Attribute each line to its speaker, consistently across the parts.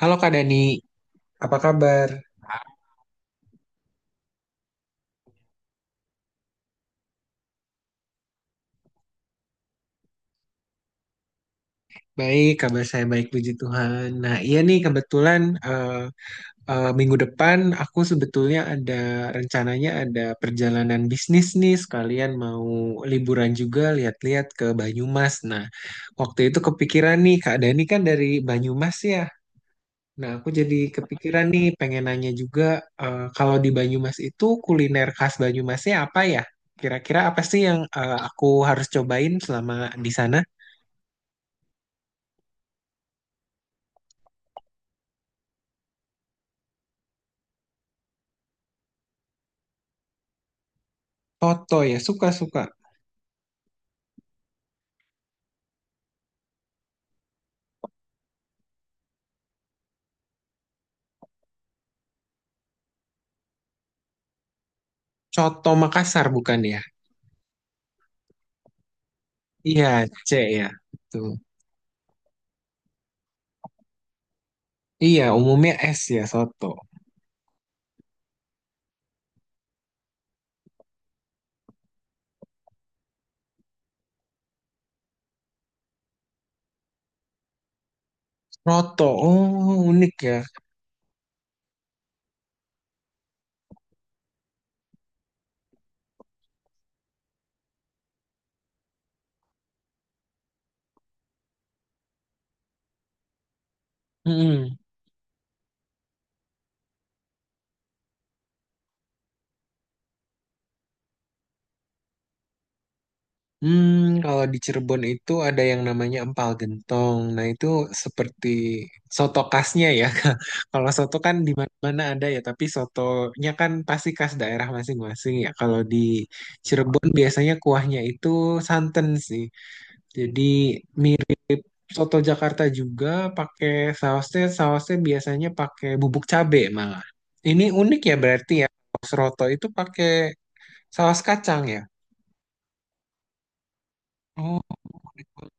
Speaker 1: Halo Kak Dani, apa kabar? Baik, kabar saya baik, puji Tuhan. Nah iya nih, kebetulan minggu depan aku sebetulnya ada rencananya ada perjalanan bisnis nih, sekalian mau liburan juga, lihat-lihat ke Banyumas. Nah, waktu itu kepikiran nih, Kak Dani kan dari Banyumas ya. Nah aku jadi kepikiran nih, pengen nanya juga, kalau di Banyumas itu kuliner khas Banyumasnya apa ya? Kira-kira apa sih yang aku harus cobain selama di sana? Coto ya, suka-suka. Coto Makassar bukan ya? Iya, C ya. Betul. Iya, umumnya S ya, soto. Roto, oh unik ya. Mm-mm. Hmm, kalau di Cirebon itu ada yang namanya empal gentong. Nah, itu seperti soto khasnya ya. Kalau soto kan di mana-mana ada ya, tapi sotonya kan pasti khas daerah masing-masing ya. Kalau di Cirebon biasanya kuahnya itu santan sih. Jadi Soto Jakarta juga pakai sausnya, sausnya biasanya pakai bubuk cabe malah. Ini unik ya berarti ya. Saus roto itu pakai saus kacang ya. Oh, unik banget.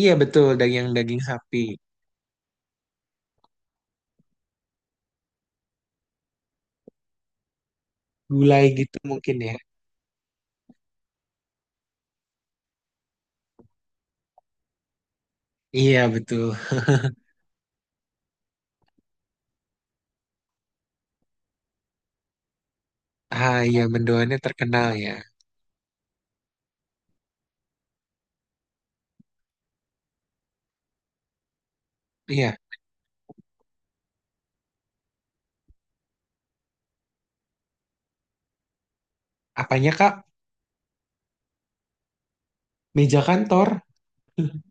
Speaker 1: Iya betul, daging daging sapi. Gulai gitu mungkin ya. Iya betul. Ah iya, mendoannya terkenal ya. Iya, apanya Kak? Meja kantor.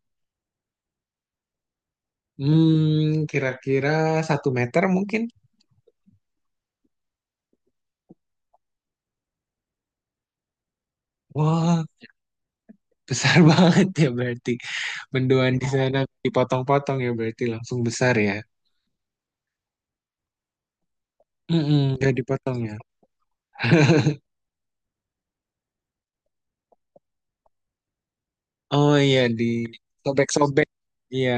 Speaker 1: Hmm, kira-kira satu meter mungkin. Wah, besar banget ya berarti. Mendoan di iya sana dipotong-potong ya berarti, langsung besar ya. Mm-mm, dipotong ya. Oh iya, di sobek-sobek. Iya,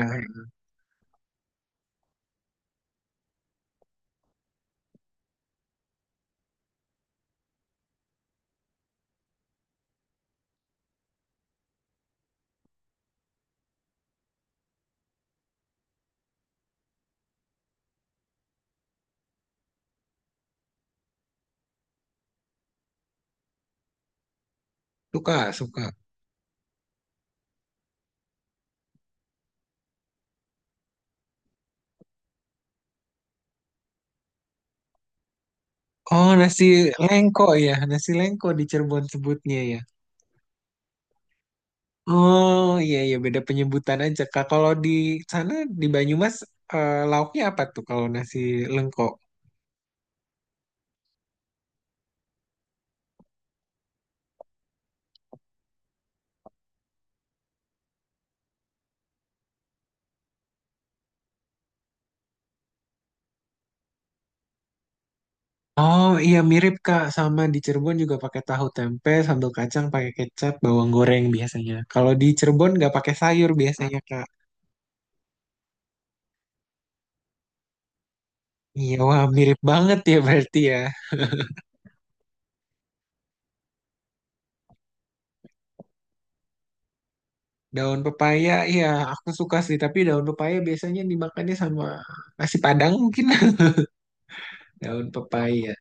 Speaker 1: suka, suka. Oh, nasi lengko ya. Nasi lengko di Cirebon sebutnya ya. Oh iya iya, beda penyebutan aja Kak. Kalau di sana di Banyumas, lauknya apa tuh kalau nasi lengko? Oh iya mirip Kak, sama di Cirebon juga pakai tahu tempe, sambal kacang, pakai kecap, bawang goreng biasanya. Kalau di Cirebon nggak pakai sayur biasanya Kak. Iya wah mirip banget ya berarti ya. Daun pepaya iya, aku suka sih, tapi daun pepaya biasanya dimakannya sama nasi Padang mungkin. Daun pepaya.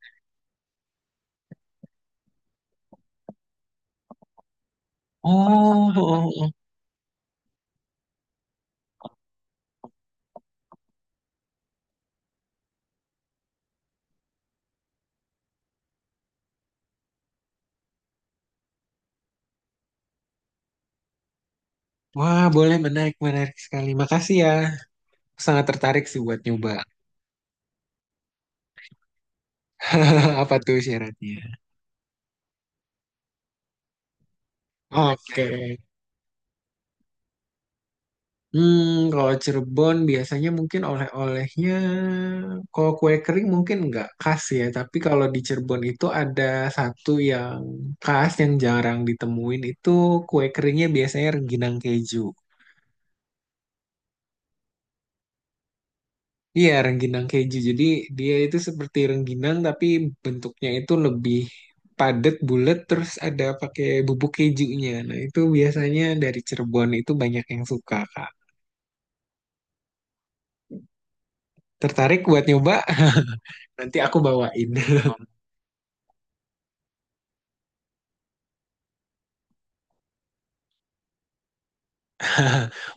Speaker 1: Oh, oh, oh. Wah boleh, menarik menarik sekali. Makasih ya. Sangat tertarik sih buat nyoba. Apa tuh syaratnya? Oke. Hmm, kalau Cirebon biasanya mungkin oleh-olehnya, kalau kue kering mungkin nggak khas ya, tapi kalau di Cirebon itu ada satu yang khas yang jarang ditemuin, itu kue keringnya biasanya rengginang keju. Iya, rengginang keju. Jadi dia itu seperti rengginang tapi bentuknya itu lebih padat, bulat, terus ada pakai bubuk kejunya. Nah, itu biasanya dari Cirebon itu banyak yang suka, Kak. Tertarik buat nyoba? Nanti aku bawain.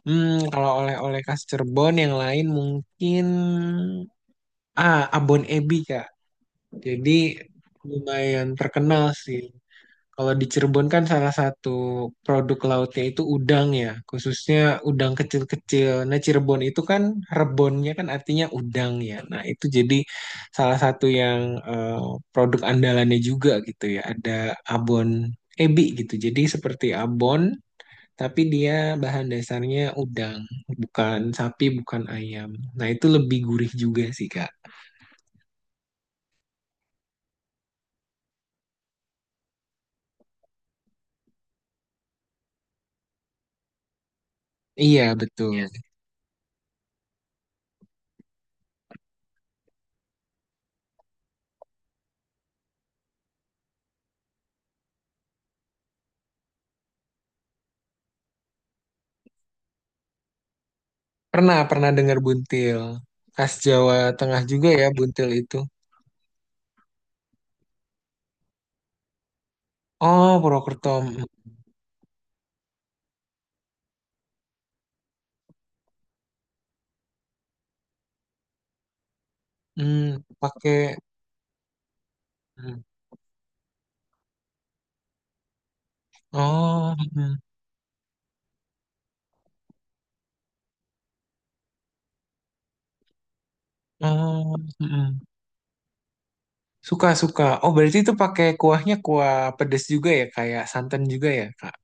Speaker 1: Hmm, kalau oleh-oleh khas Cirebon yang lain mungkin ah, abon ebi Kak. Jadi lumayan terkenal sih. Kalau di Cirebon kan salah satu produk lautnya itu udang ya, khususnya udang kecil-kecil. Nah, Cirebon itu kan rebonnya kan artinya udang ya. Nah, itu jadi salah satu yang eh, produk andalannya juga gitu ya. Ada abon ebi gitu. Jadi seperti abon tapi dia bahan dasarnya udang, bukan sapi, bukan ayam. Nah, itu lebih gurih juga sih, Kak. Iya, betul. Iya. Pernah, pernah dengar buntil. Khas Jawa Tengah juga ya, buntil itu. Oh, Purwokerto. Mm, mm, pakai. Mm. Oh, mm, oh, mm. Suka, suka. Oh, berarti itu pakai kuahnya kuah pedas juga ya, kayak santan juga ya, Kak.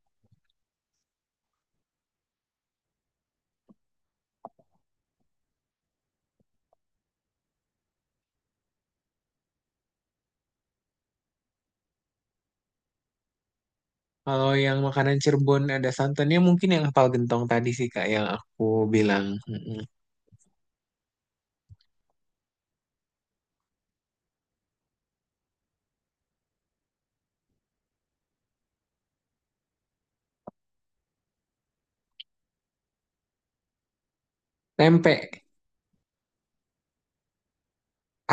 Speaker 1: Kalau yang makanan Cirebon ada santannya mungkin yang empal gentong tadi sih, Kak, yang aku bilang. Tempe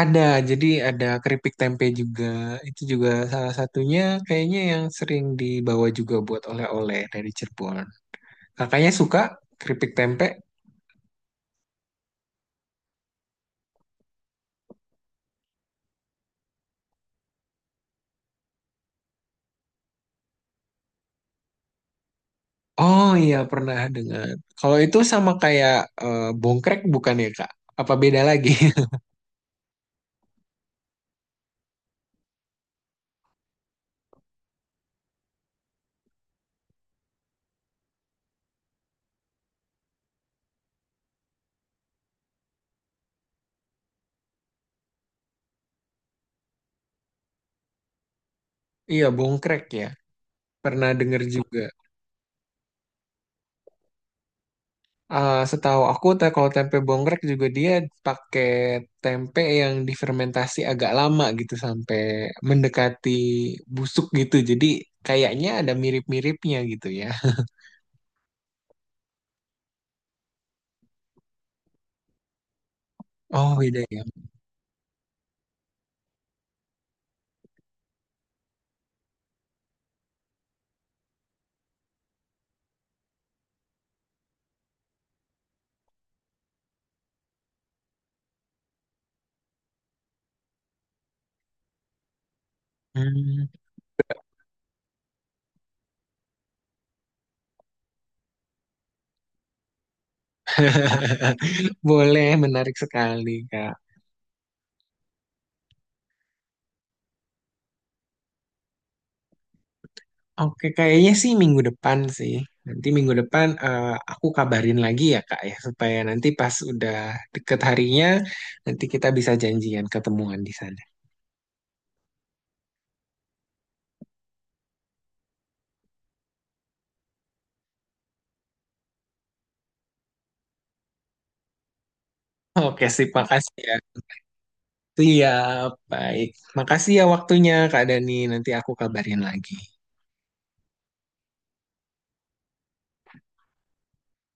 Speaker 1: ada, jadi ada keripik tempe juga. Itu juga salah satunya kayaknya yang sering dibawa juga buat oleh-oleh dari Cirebon. Kakaknya suka keripik tempe? Oh iya pernah dengar. Kalau itu sama kayak bongkrek bukan ya Kak? Apa beda lagi? Iya bongkrek ya. Pernah dengar juga. Ah, setahu aku teh kalau tempe bongkrek juga dia pakai tempe yang difermentasi agak lama gitu sampai mendekati busuk gitu. Jadi kayaknya ada mirip-miripnya gitu ya. Oh, beda ya. Hmm, boleh, menarik sekali, Kak. Oke, kayaknya sih minggu depan sih. Nanti minggu depan aku kabarin lagi ya, Kak, ya supaya nanti pas udah deket harinya nanti kita bisa janjian ketemuan di sana. Oke, sip, makasih ya. Siap, baik. Makasih ya waktunya, Kak Dani. Nanti aku kabarin lagi.